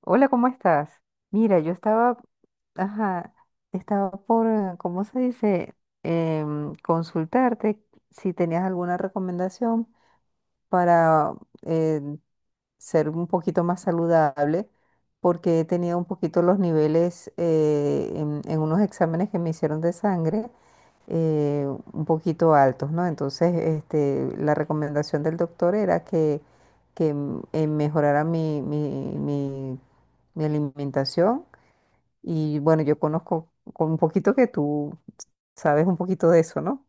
Hola, ¿cómo estás? Mira, yo estaba, ajá, estaba por, ¿cómo se dice? Em, consultarte si tenías alguna recomendación para eh, ser un poquito más saludable, porque he tenido un poquito los niveles en unos exámenes que me hicieron de sangre, eh, un poquito altos, ¿no? Entonces, este, la recomendación del doctor era que mejorara mi alimentación. Y bueno, yo conozco con un poquito que tú sabes un poquito de eso, ¿no?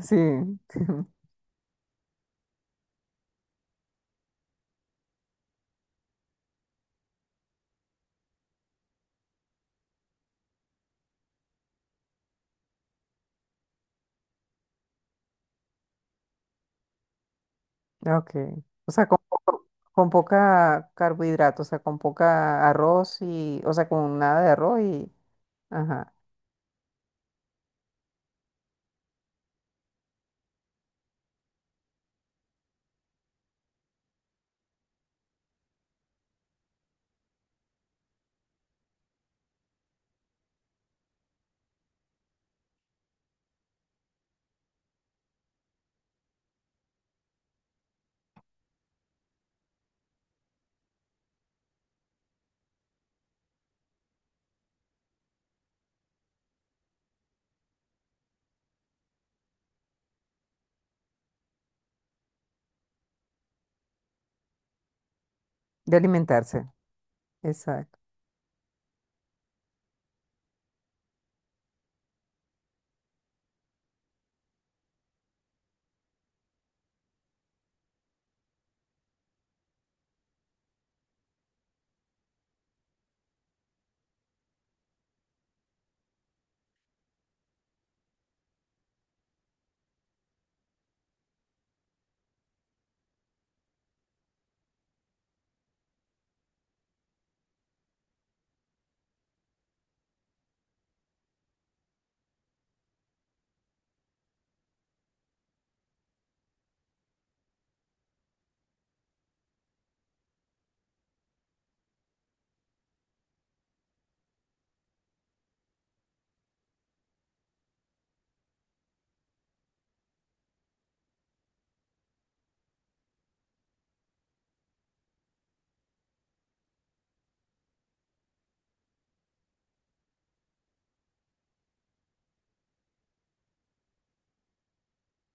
Sí, ok. O sea, con poca carbohidrato, o sea, con poca arroz y, o sea, con nada de arroz y, ajá, de alimentarse. Exacto.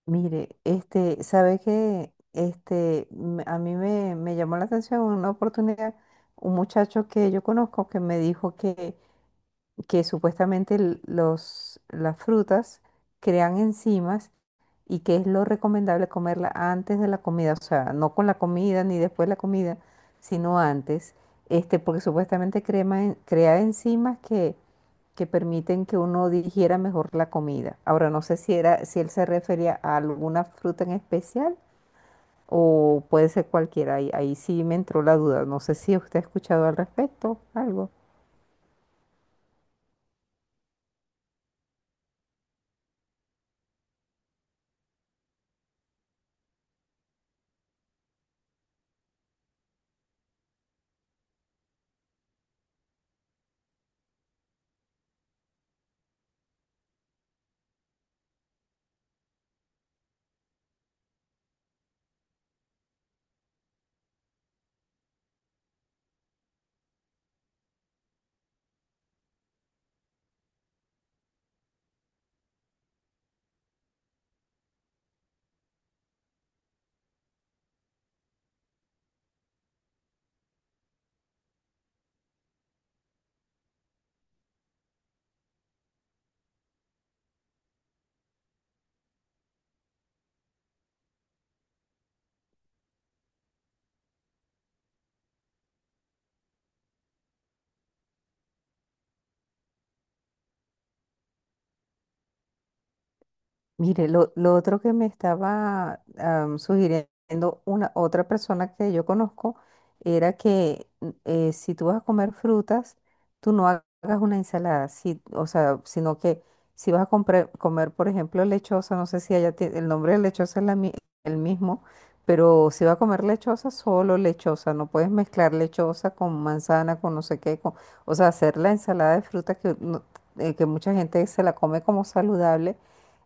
Mire, este, ¿sabe qué? Este, me llamó la atención una oportunidad, un muchacho que yo conozco que me dijo que supuestamente las frutas crean enzimas y que es lo recomendable comerla antes de la comida, o sea, no con la comida ni después de la comida, sino antes, este, porque crea enzimas que permiten que uno digiera mejor la comida. Ahora no sé si era, si él se refería a alguna fruta en especial o puede ser cualquiera. Ahí sí me entró la duda. No sé si usted ha escuchado al respecto algo. Mire, lo otro que me estaba sugiriendo una otra persona que yo conozco era que si tú vas a comer frutas, tú no ha- hagas una ensalada, o sea, sino que si vas a comer, por ejemplo, lechosa, no sé si allá el nombre de lechosa es el mismo, pero si vas a comer lechosa, solo lechosa, no puedes mezclar lechosa con manzana, con no sé qué, con- o sea, hacer la ensalada de frutas que, que mucha gente se la come como saludable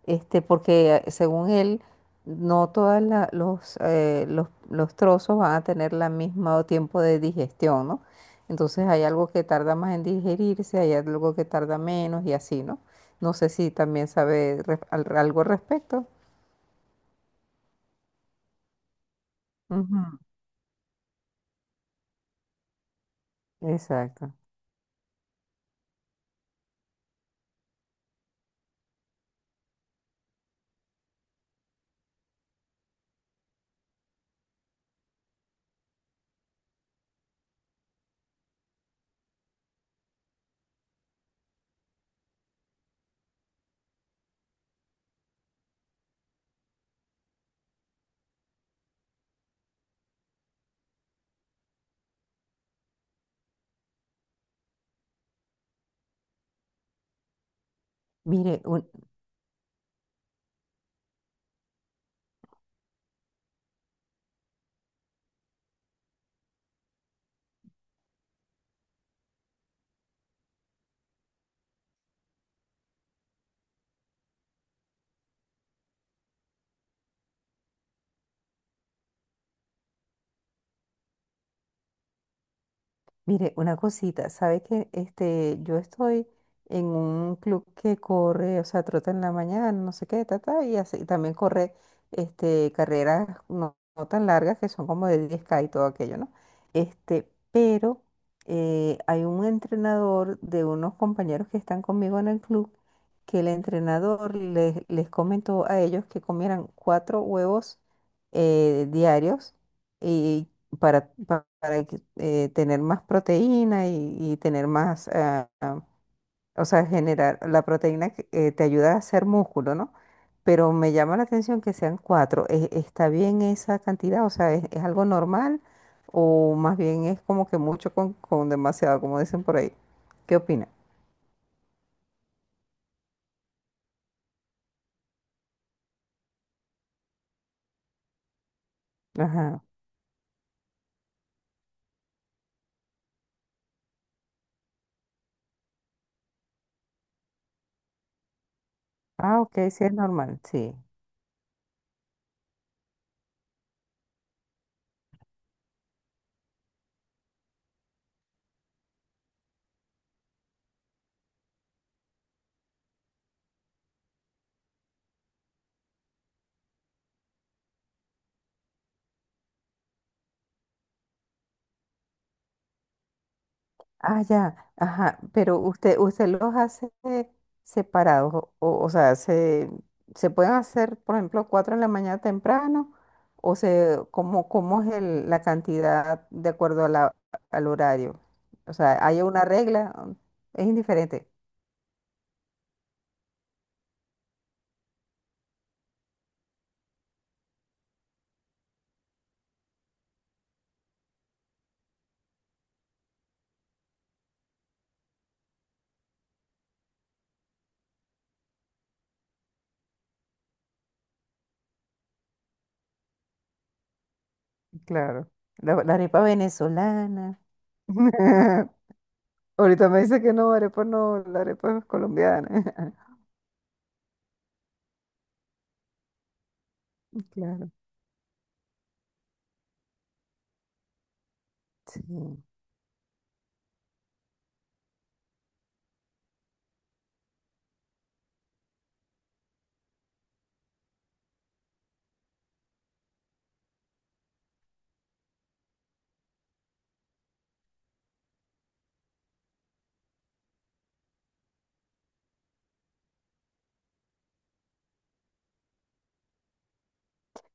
este, porque según él, no todos los trozos van a tener la misma tiempo de digestión, ¿no? Entonces hay algo que tarda más en digerirse, hay algo que tarda menos y así, ¿no? No sé si también algo al respecto. Ujú. Exacto. Mire, un- Mire, una cosita, ¿sabe que este, yo estoy en un club que corre, o sea, trota en la mañana, no sé qué, ta, ta, y así, también corre este, carreras no, no tan largas, que son como de 10K y todo aquello, ¿no? Este, pero hay un entrenador de unos compañeros que están conmigo en el club, que el entrenador les comentó a ellos que comieran cuatro huevos diarios y para que, tener más proteína y tener más, o sea, generar la proteína que te ayuda a hacer músculo, ¿no? Pero me llama la atención que sean cuatro. ¿E- ¿Está bien esa cantidad? O sea, es algo normal? ¿O más bien es como que mucho con demasiado, como dicen por ahí? ¿Qué opina? Ajá. Ah, ok, sí es normal, sí. Ah, ya, ajá, pero usted los hace separados, o sea, se pueden hacer, por ejemplo, cuatro en la mañana temprano, o se, ¿cómo, cómo es la cantidad de acuerdo a la- al horario? O sea, ¿hay una regla? Es indiferente. Claro. La arepa venezolana. Ahorita me dice que no, arepa no, la arepa es colombiana. Claro. Sí.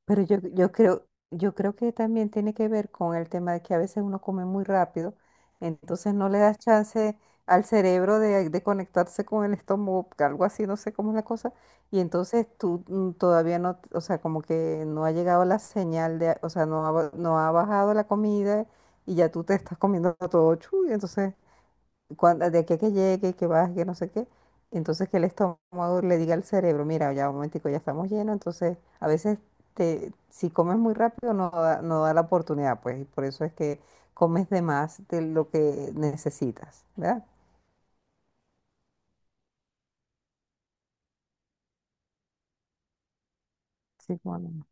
Pero yo creo que también tiene que ver con el tema de que a veces uno come muy rápido, entonces no le das chance al cerebro de conectarse con el estómago, algo así, no sé cómo es la cosa, y entonces tú todavía no, o sea, como que no ha llegado la señal de, o sea, no ha bajado la comida y ya tú te estás comiendo todo chuy, entonces cuando, de aquí a que llegue, que baje, que no sé qué, entonces que el estómago le diga al cerebro, mira, ya un momentico, ya estamos llenos, entonces a veces te, si comes muy rápido no da la oportunidad, pues, y por eso es que comes de más de lo que necesitas, ¿verdad? Sí, bueno.